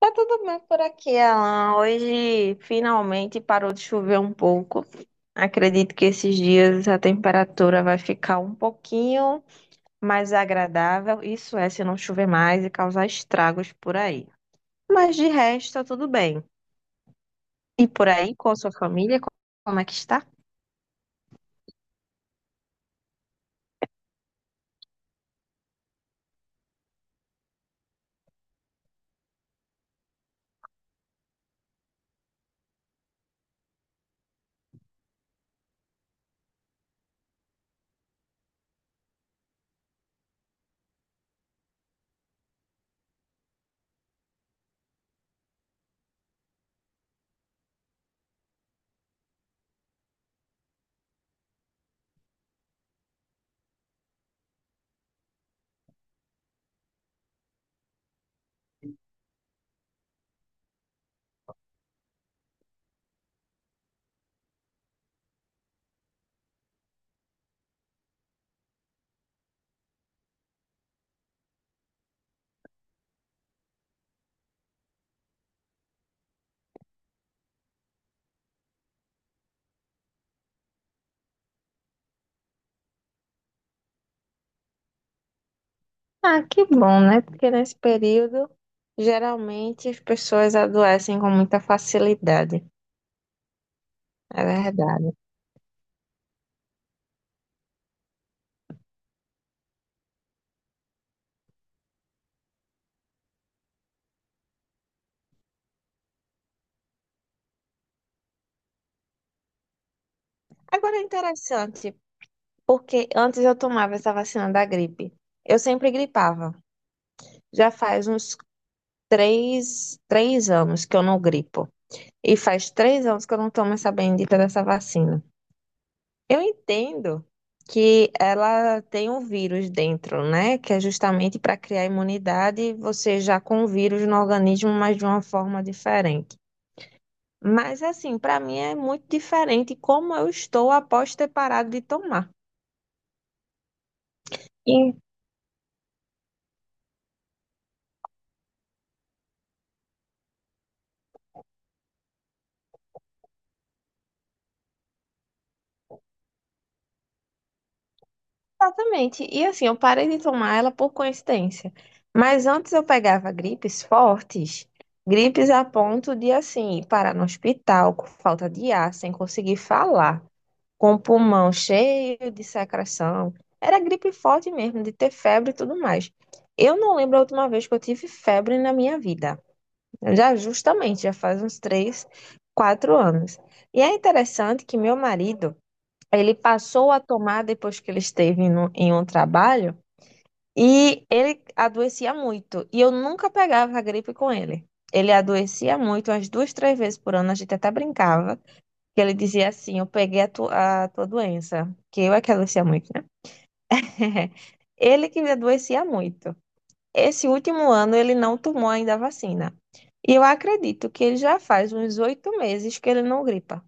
Tá tudo bem por aqui, Alan. Hoje finalmente parou de chover um pouco. Acredito que esses dias a temperatura vai ficar um pouquinho mais agradável. Isso é, se não chover mais e causar estragos por aí. Mas de resto, tá tudo bem. E por aí, com a sua família, como é que está? Ah, que bom, né? Porque nesse período, geralmente as pessoas adoecem com muita facilidade. É verdade. Agora é interessante. Porque antes eu tomava essa vacina da gripe. Eu sempre gripava. Já faz uns três anos que eu não gripo. E faz 3 anos que eu não tomo essa bendita dessa vacina. Eu entendo que ela tem um vírus dentro, né? Que é justamente para criar imunidade, você já com o vírus no organismo, mas de uma forma diferente. Mas assim, para mim é muito diferente como eu estou após ter parado de tomar. Exatamente. E assim, eu parei de tomar ela por coincidência. Mas antes eu pegava gripes fortes, gripes a ponto de, assim, parar no hospital com falta de ar, sem conseguir falar, com o pulmão cheio de secreção. Era gripe forte mesmo, de ter febre e tudo mais. Eu não lembro a última vez que eu tive febre na minha vida. Já justamente, já faz uns 3, 4 anos. E é interessante que meu marido. Ele passou a tomar depois que ele esteve em um trabalho e ele adoecia muito. E eu nunca pegava a gripe com ele. Ele adoecia muito, umas 2, 3 vezes por ano. A gente até brincava, que ele dizia assim: Eu peguei a tua doença, que eu é que adoecia muito, né? Ele que adoecia muito. Esse último ano ele não tomou ainda a vacina. E eu acredito que ele já faz uns 8 meses que ele não gripa.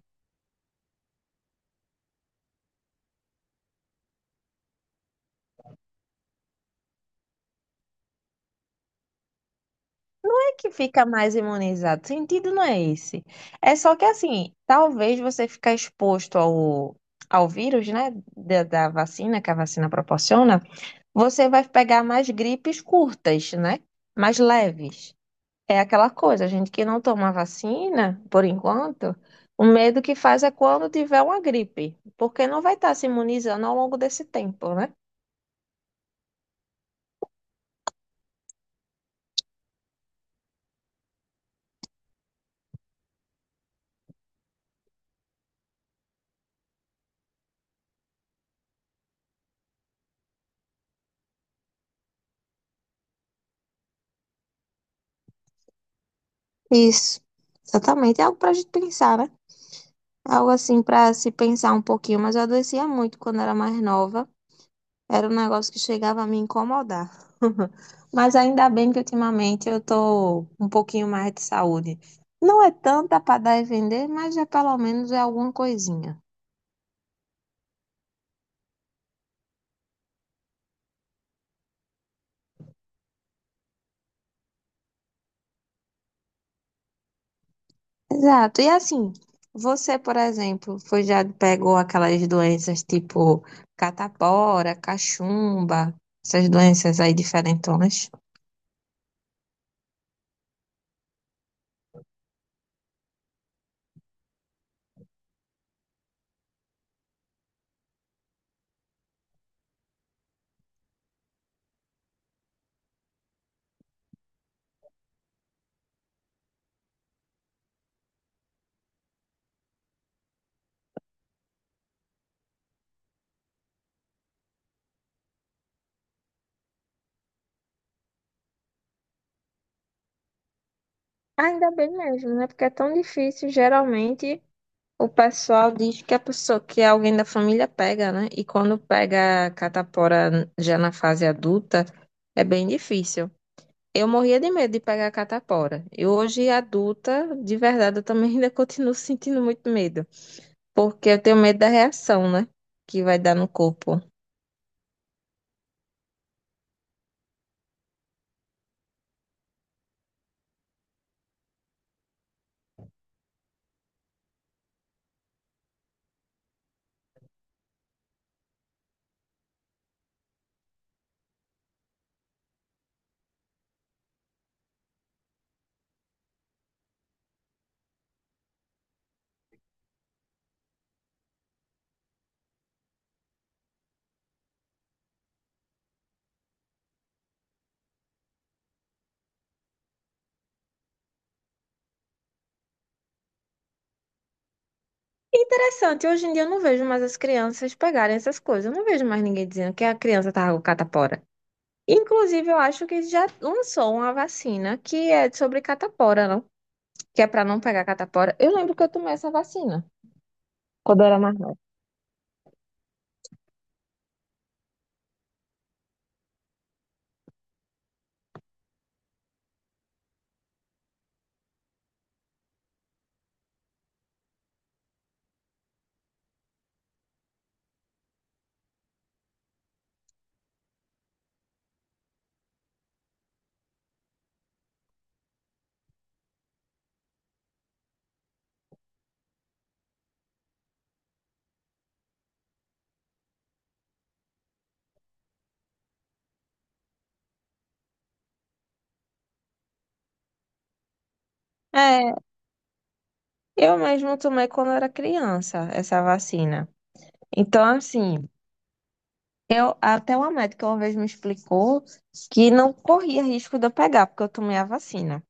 Que fica mais imunizado. O sentido não é esse. É só que assim, talvez você ficar exposto ao, ao vírus, né, da, da vacina, que a vacina proporciona, você vai pegar mais gripes curtas, né, mais leves. É aquela coisa, a gente que não toma vacina, por enquanto, o medo que faz é quando tiver uma gripe, porque não vai estar se imunizando ao longo desse tempo, né? Isso, exatamente. É algo pra gente pensar, né? Algo assim para se pensar um pouquinho, mas eu adoecia muito quando era mais nova. Era um negócio que chegava a me incomodar. Mas ainda bem que ultimamente eu tô um pouquinho mais de saúde. Não é tanta para dar e vender, mas já pelo menos é alguma coisinha. Exato. E assim, você, por exemplo, foi já pegou aquelas doenças tipo catapora, cachumba, essas doenças aí diferentonas? Ainda bem mesmo, né? Porque é tão difícil, geralmente. O pessoal diz que a pessoa, que alguém da família pega, né? E quando pega a catapora já na fase adulta, é bem difícil. Eu morria de medo de pegar a catapora. E hoje, adulta, de verdade, eu também ainda continuo sentindo muito medo. Porque eu tenho medo da reação, né? Que vai dar no corpo. Interessante, hoje em dia eu não vejo mais as crianças pegarem essas coisas. Eu não vejo mais ninguém dizendo que a criança tá com catapora. Inclusive, eu acho que já lançou uma vacina que é sobre catapora, não? Que é para não pegar catapora. Eu lembro que eu tomei essa vacina quando eu era mais nova. É, eu mesmo tomei quando eu era criança essa vacina. Então, assim, eu até uma médica uma vez me explicou que não corria risco de eu pegar, porque eu tomei a vacina.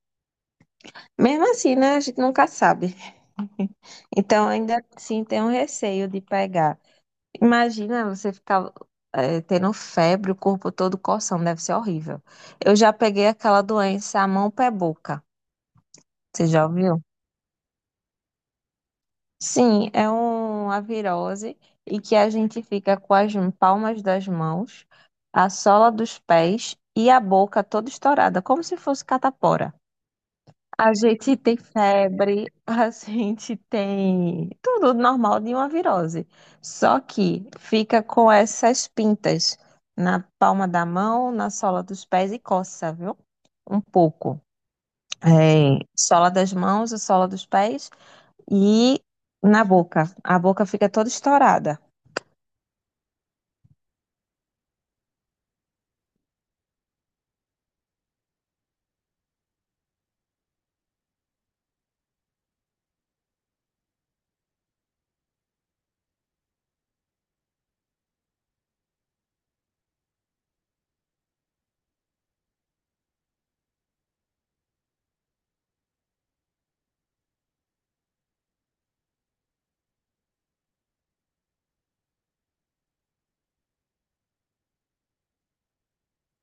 Mesmo assim, né, a gente nunca sabe. Então, ainda assim, tem um receio de pegar. Imagina você ficar tendo febre, o corpo todo coçando, deve ser horrível. Eu já peguei aquela doença mão, pé, boca. Você já ouviu? Sim, é uma virose e que a gente fica com as palmas das mãos, a sola dos pés e a boca toda estourada, como se fosse catapora. A gente tem febre, a gente tem tudo normal de uma virose. Só que fica com essas pintas na palma da mão, na sola dos pés e coça, viu? Um pouco. É, sola das mãos e sola dos pés. E na boca. A boca fica toda estourada.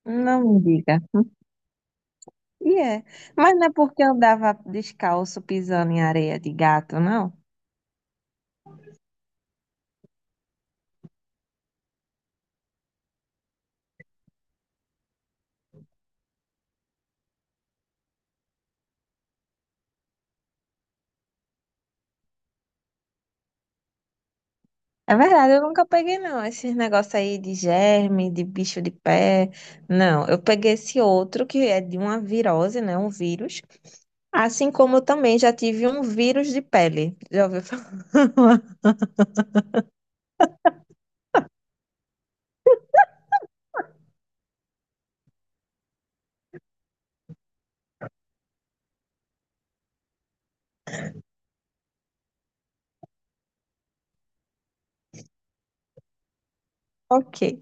Não me diga. E é. Mas não é porque eu andava descalço pisando em areia de gato, não? É verdade, eu nunca peguei, não, esses negócios aí de germe, de bicho de pé. Não, eu peguei esse outro que é de uma virose, né? Um vírus. Assim como eu também já tive um vírus de pele. Já ouviu falar? Ok.